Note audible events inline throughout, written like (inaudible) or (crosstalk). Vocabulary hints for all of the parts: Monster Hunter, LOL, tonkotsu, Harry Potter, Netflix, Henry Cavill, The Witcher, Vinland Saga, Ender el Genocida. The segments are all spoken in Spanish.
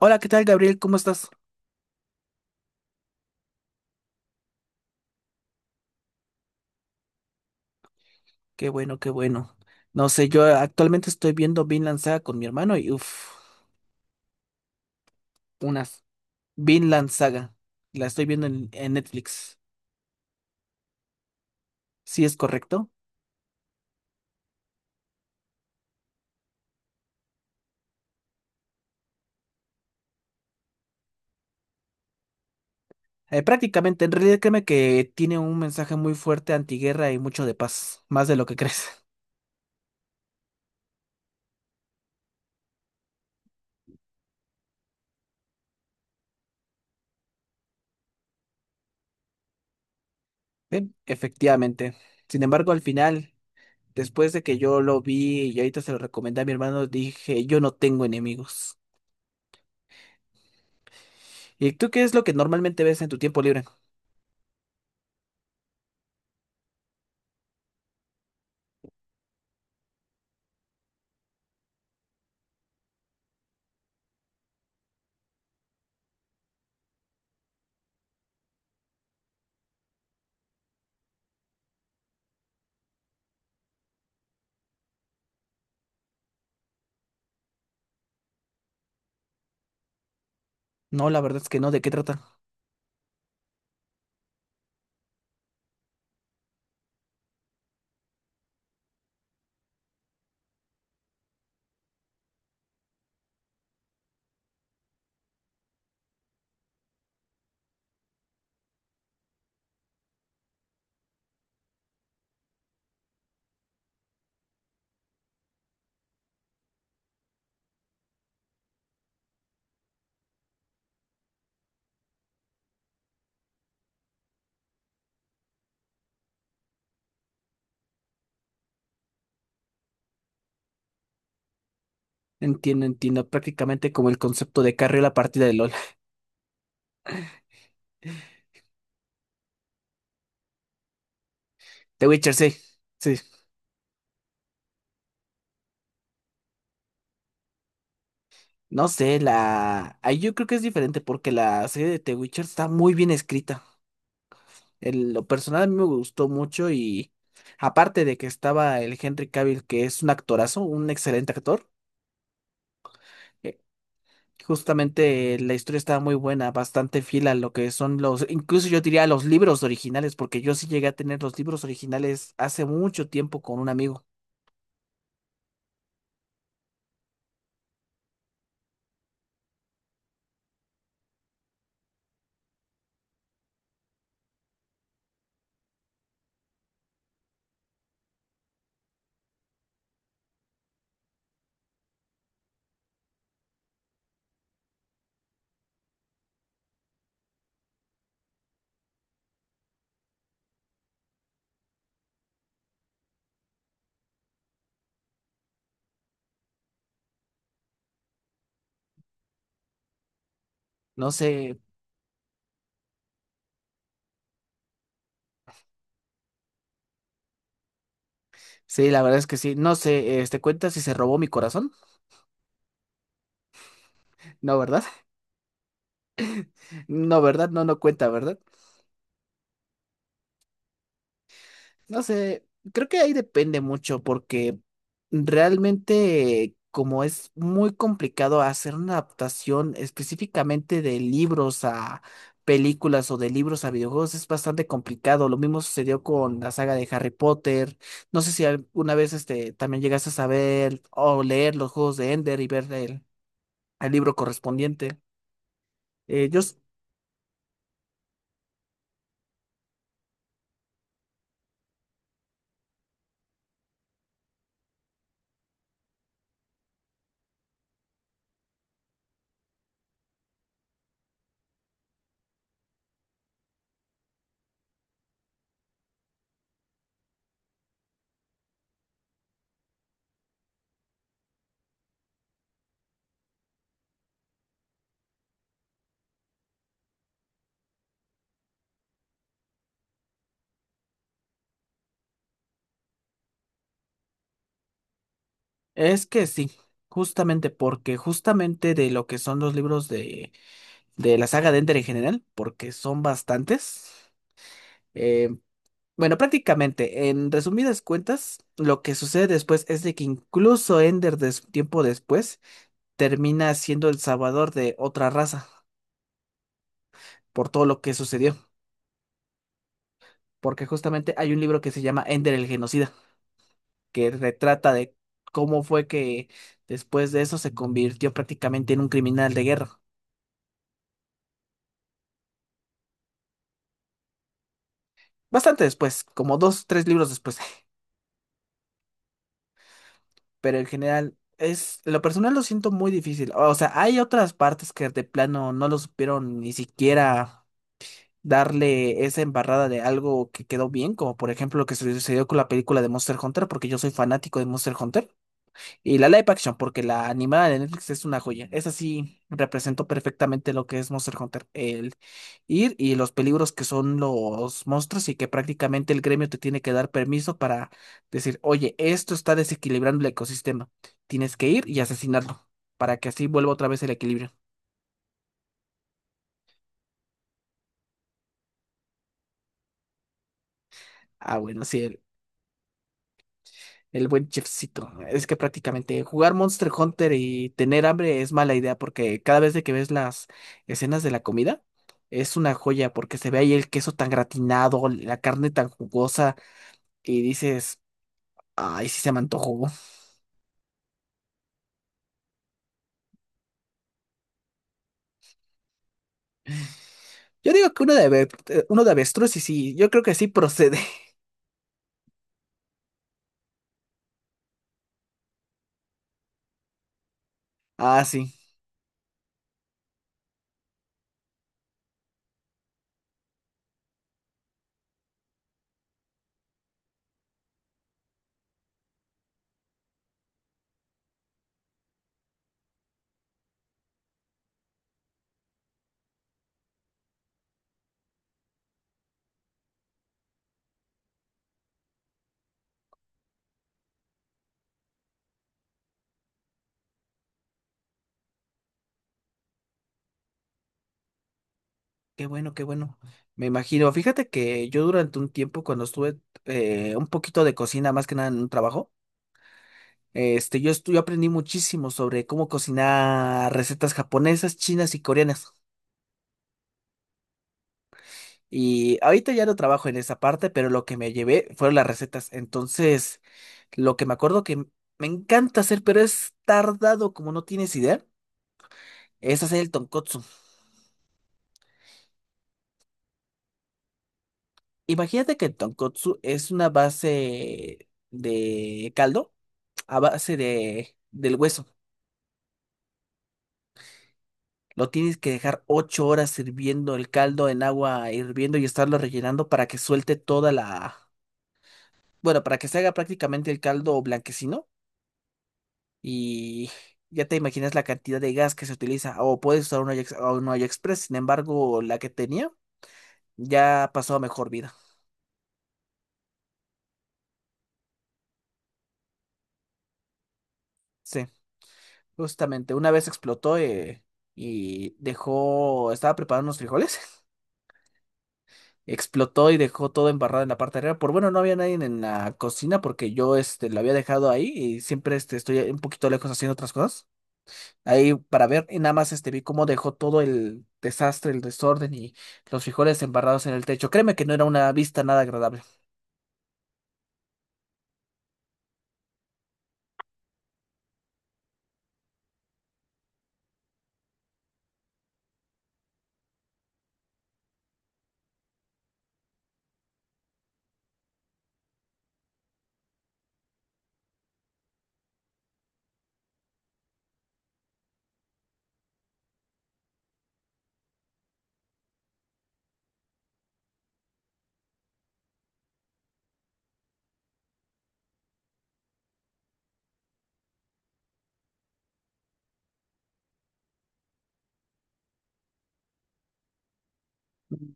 Hola, ¿qué tal, Gabriel? ¿Cómo estás? Qué bueno, qué bueno. No sé, yo actualmente estoy viendo Vinland Saga con mi hermano y uff, unas Vinland Saga. La estoy viendo en Netflix. Sí, es correcto. Prácticamente, en realidad créeme que tiene un mensaje muy fuerte antiguerra y mucho de paz, más de lo que (laughs) crees. Bien, efectivamente. Sin embargo, al final, después de que yo lo vi y ahorita se lo recomendé a mi hermano, dije, yo no tengo enemigos. ¿Y tú qué es lo que normalmente ves en tu tiempo libre? No, la verdad es que no, ¿de qué trata? Entiendo, entiendo. Prácticamente como el concepto de carrera la partida de LOL. (laughs) The Witcher, sí. Sí. No sé, la. Ahí yo creo que es diferente porque la serie de The Witcher está muy bien escrita. En lo personal a mí me gustó mucho y aparte de que estaba el Henry Cavill, que es un actorazo, un excelente actor, eh, justamente la historia estaba muy buena, bastante fiel a lo que son los, incluso yo diría los libros originales, porque yo sí llegué a tener los libros originales hace mucho tiempo con un amigo. No sé. Sí, la verdad es que sí. No sé, este, ¿cuenta si se robó mi corazón? No, ¿verdad? (laughs) No, ¿verdad? No, no cuenta, ¿verdad? No sé, creo que ahí depende mucho porque realmente como es muy complicado hacer una adaptación específicamente de libros a películas o de libros a videojuegos es bastante complicado. Lo mismo sucedió con la saga de Harry Potter. No sé si alguna vez este, también llegaste a saber o leer los juegos de Ender y ver el libro correspondiente. Eh, yo, Es que sí, justamente porque justamente de lo que son los libros de la saga de Ender en general, porque son bastantes, eh, bueno, prácticamente, en resumidas cuentas, lo que sucede después es de que incluso Ender des- tiempo después termina siendo el salvador de otra raza por todo lo que sucedió, porque justamente hay un libro que se llama Ender el Genocida, que retrata de cómo fue que después de eso se convirtió prácticamente en un criminal de guerra. Bastante después, como 2, 3 libros después, (laughs) pero en general es, en lo personal lo siento muy difícil. O sea, hay otras partes que de plano no lo supieron ni siquiera darle esa embarrada de algo que quedó bien, como por ejemplo lo que sucedió con la película de Monster Hunter, porque yo soy fanático de Monster Hunter. Y la live action, porque la animada de Netflix es una joya. Esa sí representó perfectamente lo que es Monster Hunter. El ir y los peligros que son los monstruos y que prácticamente el gremio te tiene que dar permiso para decir, oye, esto está desequilibrando el ecosistema. Tienes que ir y asesinarlo para que así vuelva otra vez el equilibrio. Ah, bueno, sí. El buen chefcito. Es que prácticamente jugar Monster Hunter y tener hambre es mala idea porque cada vez de que ves las escenas de la comida es una joya porque se ve ahí el queso tan gratinado, la carne tan jugosa y dices, ay, sí se me antojó. Yo digo que uno de, ave- uno de avestruz y sí, yo creo que sí procede. (laughs) Ah, sí. Qué bueno, qué bueno. Me imagino. Fíjate que yo durante un tiempo cuando estuve un poquito de cocina, más que nada en un trabajo, este, yo aprendí muchísimo sobre cómo cocinar recetas japonesas, chinas y coreanas. Y ahorita ya no trabajo en esa parte, pero lo que me llevé fueron las recetas. Entonces, lo que me acuerdo que me encanta hacer, pero es tardado como no tienes idea, es hacer el tonkotsu. Imagínate que el tonkotsu es una base de caldo a base del hueso. Lo tienes que dejar 8 horas hirviendo el caldo en agua hirviendo y estarlo rellenando para que suelte toda la... Bueno, para que se haga prácticamente el caldo blanquecino y ya te imaginas la cantidad de gas que se utiliza. O puedes usar un olla, ex- o un olla express, sin embargo, la que tenía ya pasó a mejor vida. Sí, justamente. Una vez explotó y dejó... Estaba preparando unos frijoles, explotó y dejó todo embarrado en la parte de arriba. Por bueno, no había nadie en la cocina porque yo este, lo había dejado ahí y siempre este, estoy un poquito lejos haciendo otras cosas. Ahí para ver y nada más este, vi cómo dejó todo el desastre, el desorden y los frijoles embarrados en el techo. Créeme que no era una vista nada agradable.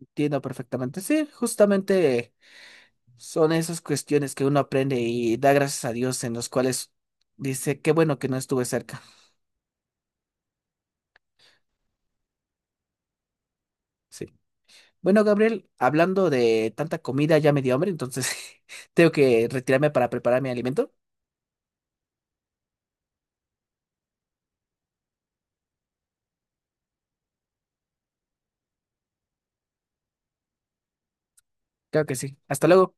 Entiendo perfectamente. Sí, justamente son esas cuestiones que uno aprende y da gracias a Dios en los cuales dice, qué bueno que no estuve cerca. Sí. Bueno, Gabriel, hablando de tanta comida, ya me dio hambre, entonces (laughs) tengo que retirarme para preparar mi alimento. Claro que sí. Hasta luego.